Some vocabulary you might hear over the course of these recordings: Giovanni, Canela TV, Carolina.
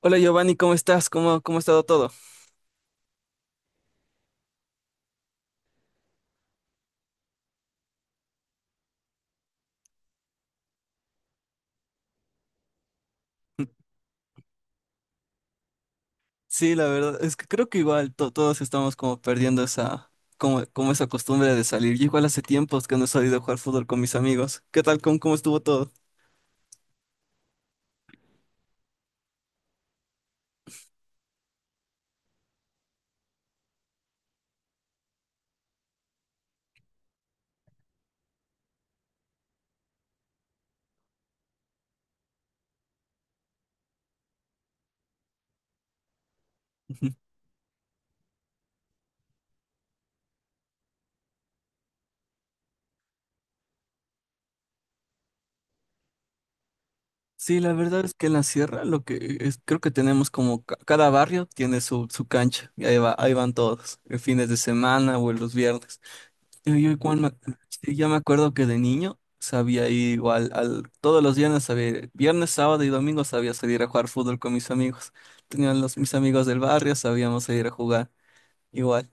Hola Giovanni, ¿cómo estás? ¿Cómo ha estado todo? Sí, la verdad, es que creo que igual todos estamos como perdiendo esa, como esa costumbre de salir. Yo igual hace tiempos que no he salido a jugar fútbol con mis amigos. ¿Qué tal? ¿Cómo estuvo todo? Ujú. Sí, la verdad es que en la sierra lo que es, creo que tenemos como cada barrio tiene su, su cancha y ahí va, ahí van todos, en fines de semana o en los viernes. Yo igual me, sí, yo me acuerdo que de niño sabía ir igual al, todos los viernes sabía, viernes, sábado y domingo sabía salir a jugar fútbol con mis amigos. Tenían los, mis amigos del barrio, sabíamos salir a jugar igual.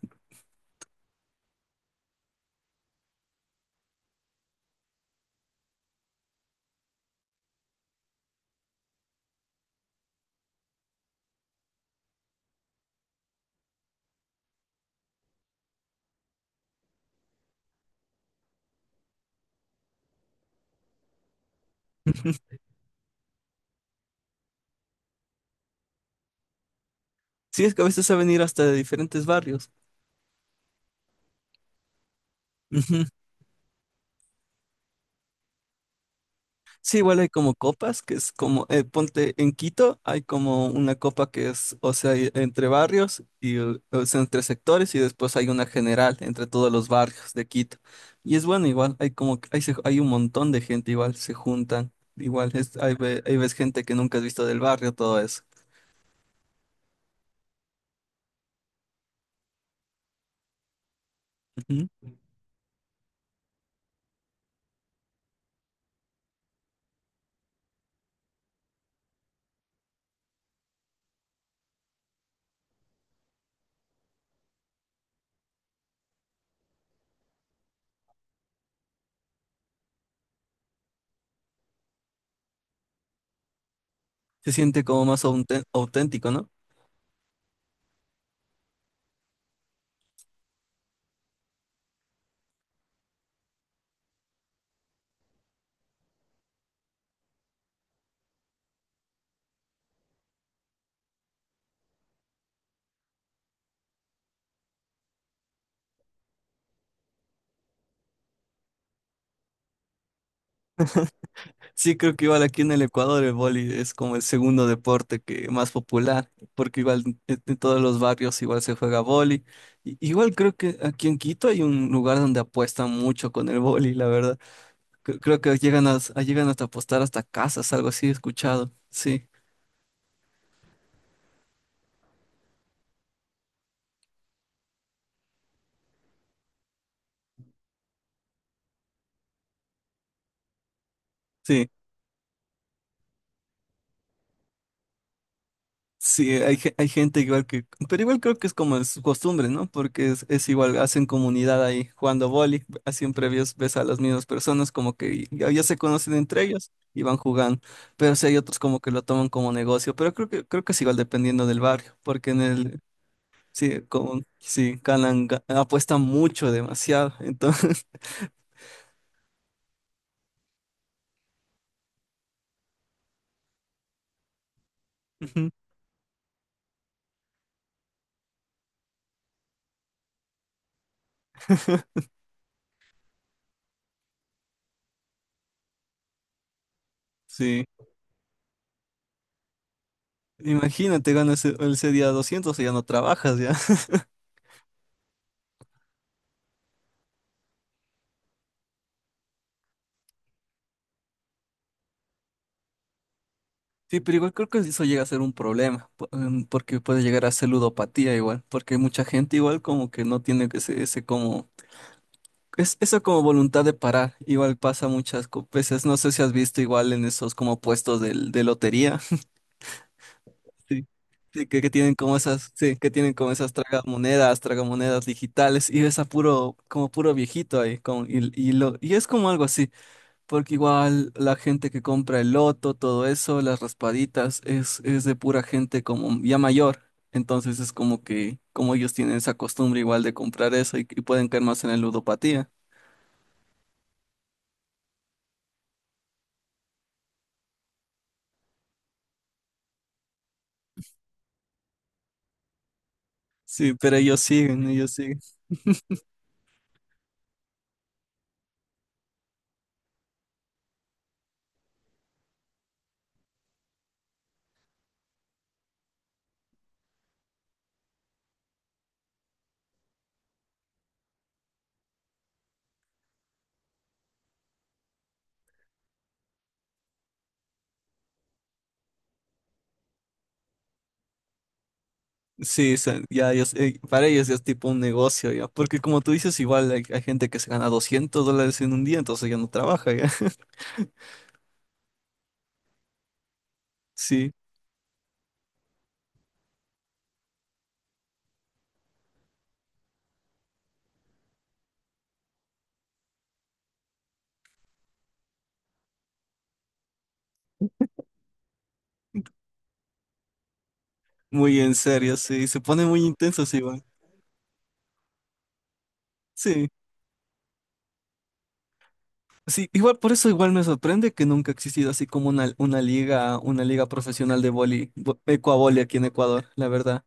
Sí, es que a veces saben ir hasta de diferentes barrios. Sí, igual hay como copas, que es como, ponte en Quito, hay como una copa que es, o sea, entre barrios y o sea, entre sectores y después hay una general entre todos los barrios de Quito. Y es bueno, igual, hay como, hay, hay un montón de gente, igual, se juntan, igual, es, hay, ahí ves gente que nunca has visto del barrio, todo eso. Ujú. Se siente como más auténtico, ¿no? Sí, creo que igual aquí en el Ecuador el vóley es como el segundo deporte que más popular, porque igual en todos los barrios igual se juega vóley. Igual creo que aquí en Quito hay un lugar donde apuestan mucho con el vóley, la verdad. Creo que llegan a, llegan hasta apostar hasta casas, algo así, he escuchado. Sí, sí. Sí, hay, hay gente igual que, pero igual creo que es como es su costumbre, ¿no? Porque es igual, hacen comunidad ahí jugando vóley, siempre ves, ves a las mismas personas como que ya, ya se conocen entre ellos y van jugando, pero sí hay otros como que lo toman como negocio, pero creo que es igual dependiendo del barrio, porque en el, sí, como, sí, ganan, apuestan mucho, demasiado, entonces, ujú, sí, imagínate, ganas ese, ese día 200 y ya no trabajas. Sí, pero igual creo que eso llega a ser un problema, porque puede llegar a ser ludopatía igual, porque mucha gente igual como que no tiene ese, ese como, es, esa como voluntad de parar, igual pasa muchas veces, no sé si has visto igual en esos como puestos de lotería, sí, sí, que tienen como esas, sí, que tienen como esas tragamonedas, tragamonedas digitales, y ves a puro, como puro viejito ahí, con, y, lo, y es como algo así. Porque igual la gente que compra el loto, todo eso, las raspaditas, es de pura gente como ya mayor. Entonces es como que, como ellos tienen esa costumbre igual de comprar eso y pueden caer más en la ludopatía. Sí, pero ellos siguen, ellos siguen. Sí, o sea, ya ellos, para ellos ya es tipo un negocio ya. Porque como tú dices, igual hay, hay gente que se gana 200 dólares en un día, entonces ya no trabaja ya. Sí, muy en serio, sí, se pone muy intensos igual. Sí. Sí, igual por eso igual me sorprende que nunca ha existido así como una liga profesional de vóley, ecuavóley aquí en Ecuador, la verdad.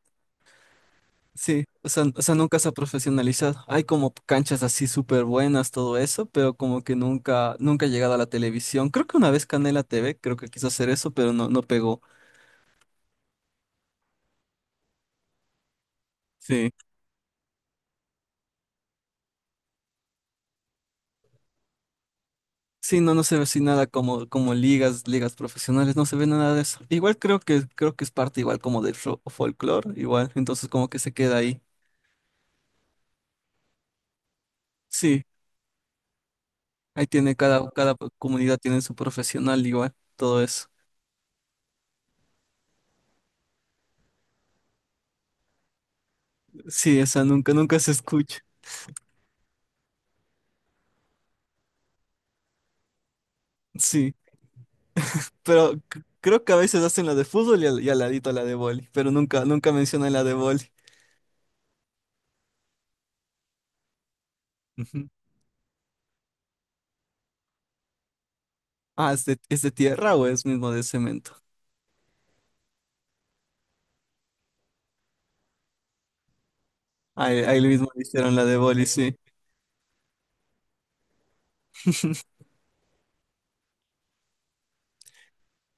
Sí, o sea, nunca se ha profesionalizado. Hay como canchas así súper buenas, todo eso, pero como que nunca, nunca ha llegado a la televisión. Creo que una vez Canela TV, creo que quiso hacer eso, pero no, no pegó. Sí. Sí, no, no se ve así nada como, como ligas, ligas profesionales, no se ve nada de eso. Igual creo que es parte igual como del folklore igual, entonces como que se queda ahí. Sí, ahí tiene cada, cada comunidad tiene su profesional igual, todo eso. Sí, esa nunca, nunca se escucha. Sí, pero creo que a veces hacen la de fútbol y al ladito la de vóley, pero nunca, nunca mencionan la de vóley. Ujú. Ah, es de tierra o es mismo de cemento? Ahí, ahí mismo le hicieron la de vóley, sí.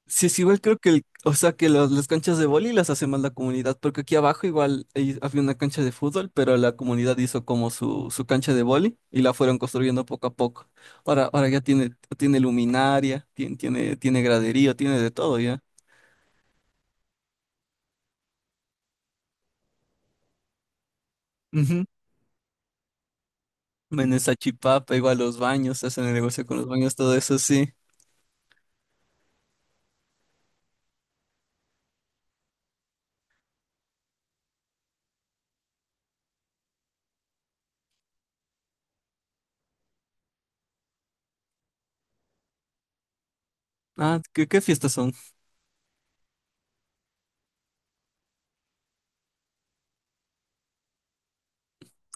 Sí, es igual creo que el, o sea que las canchas de vóley las hace más la comunidad, porque aquí abajo igual había una cancha de fútbol, pero la comunidad hizo como su cancha de vóley y la fueron construyendo poco a poco. Ahora, ahora ya tiene, tiene luminaria, tiene, tiene, tiene graderío, tiene de todo ya. Ujú. En esa chipapa, igual los baños, hacen el negocio con los baños, todo eso, sí. Ah, ¿qué, qué fiestas son?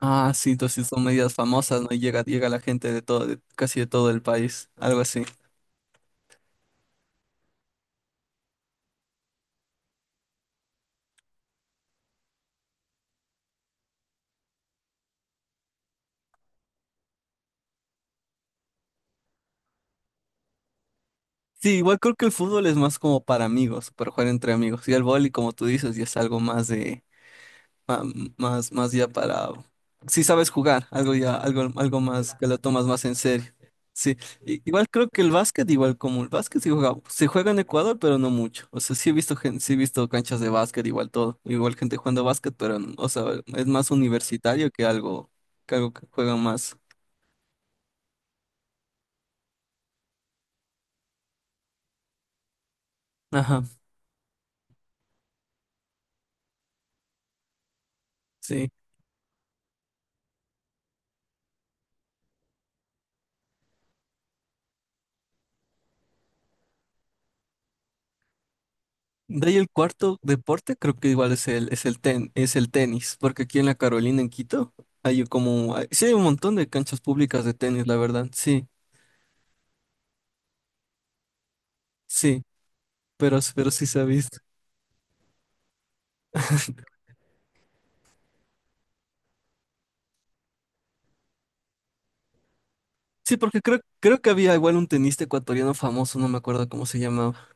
Ah, sí, entonces sí son medidas famosas, ¿no? Y llega, llega la gente de todo, casi de todo el país, algo así. Sí, igual creo que el fútbol es más como para amigos, para jugar entre amigos. Y el vóley, como tú dices, ya es algo más de, ma- más, más ya para, si sabes jugar, algo ya, algo, algo más que lo tomas más en serio. Sí, igual creo que el básquet, igual como el básquet se juega en Ecuador, pero no mucho. O sea, sí he visto sí he visto canchas de básquet, igual todo, igual gente jugando básquet, pero, o sea, es más universitario que algo, que algo que juegan más. Ajá. Sí. De ahí el cuarto deporte, creo que igual es el, es el es el tenis, porque aquí en la Carolina, en Quito, hay como, sí hay un montón de canchas públicas de tenis, la verdad, sí, sí, pero sí se ha visto. Sí, porque creo, creo que había igual un tenista ecuatoriano famoso, no me acuerdo cómo se llamaba.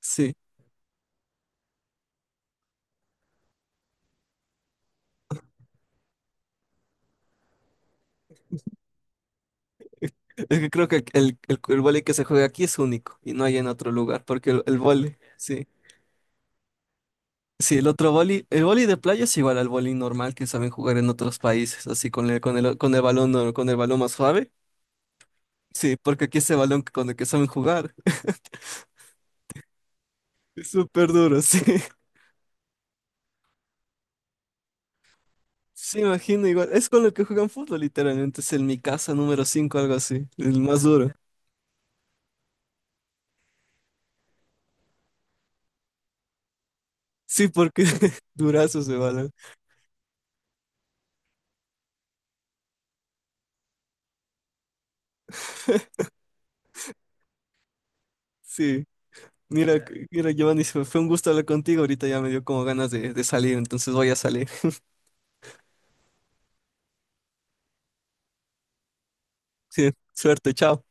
Sí, es que creo que el vóley que se juega aquí es único y no hay en otro lugar, porque el vóley, sí. Sí, el otro vóley, el vóley de playa es igual al vóley normal que saben jugar en otros países, así con el, con el, con el balón, no, con el balón más suave. Sí, porque aquí ese balón con el que saben jugar es súper duro, sí. Sí, imagino igual. Es con el que juegan fútbol, literalmente. Es el mi casa número 5 algo así. El más duro. Sí, porque durazos de balón. Sí. Mira, mira, Giovanni, fue un gusto hablar contigo. Ahorita ya me dio como ganas de salir, entonces voy a salir. Sí, suerte, chao.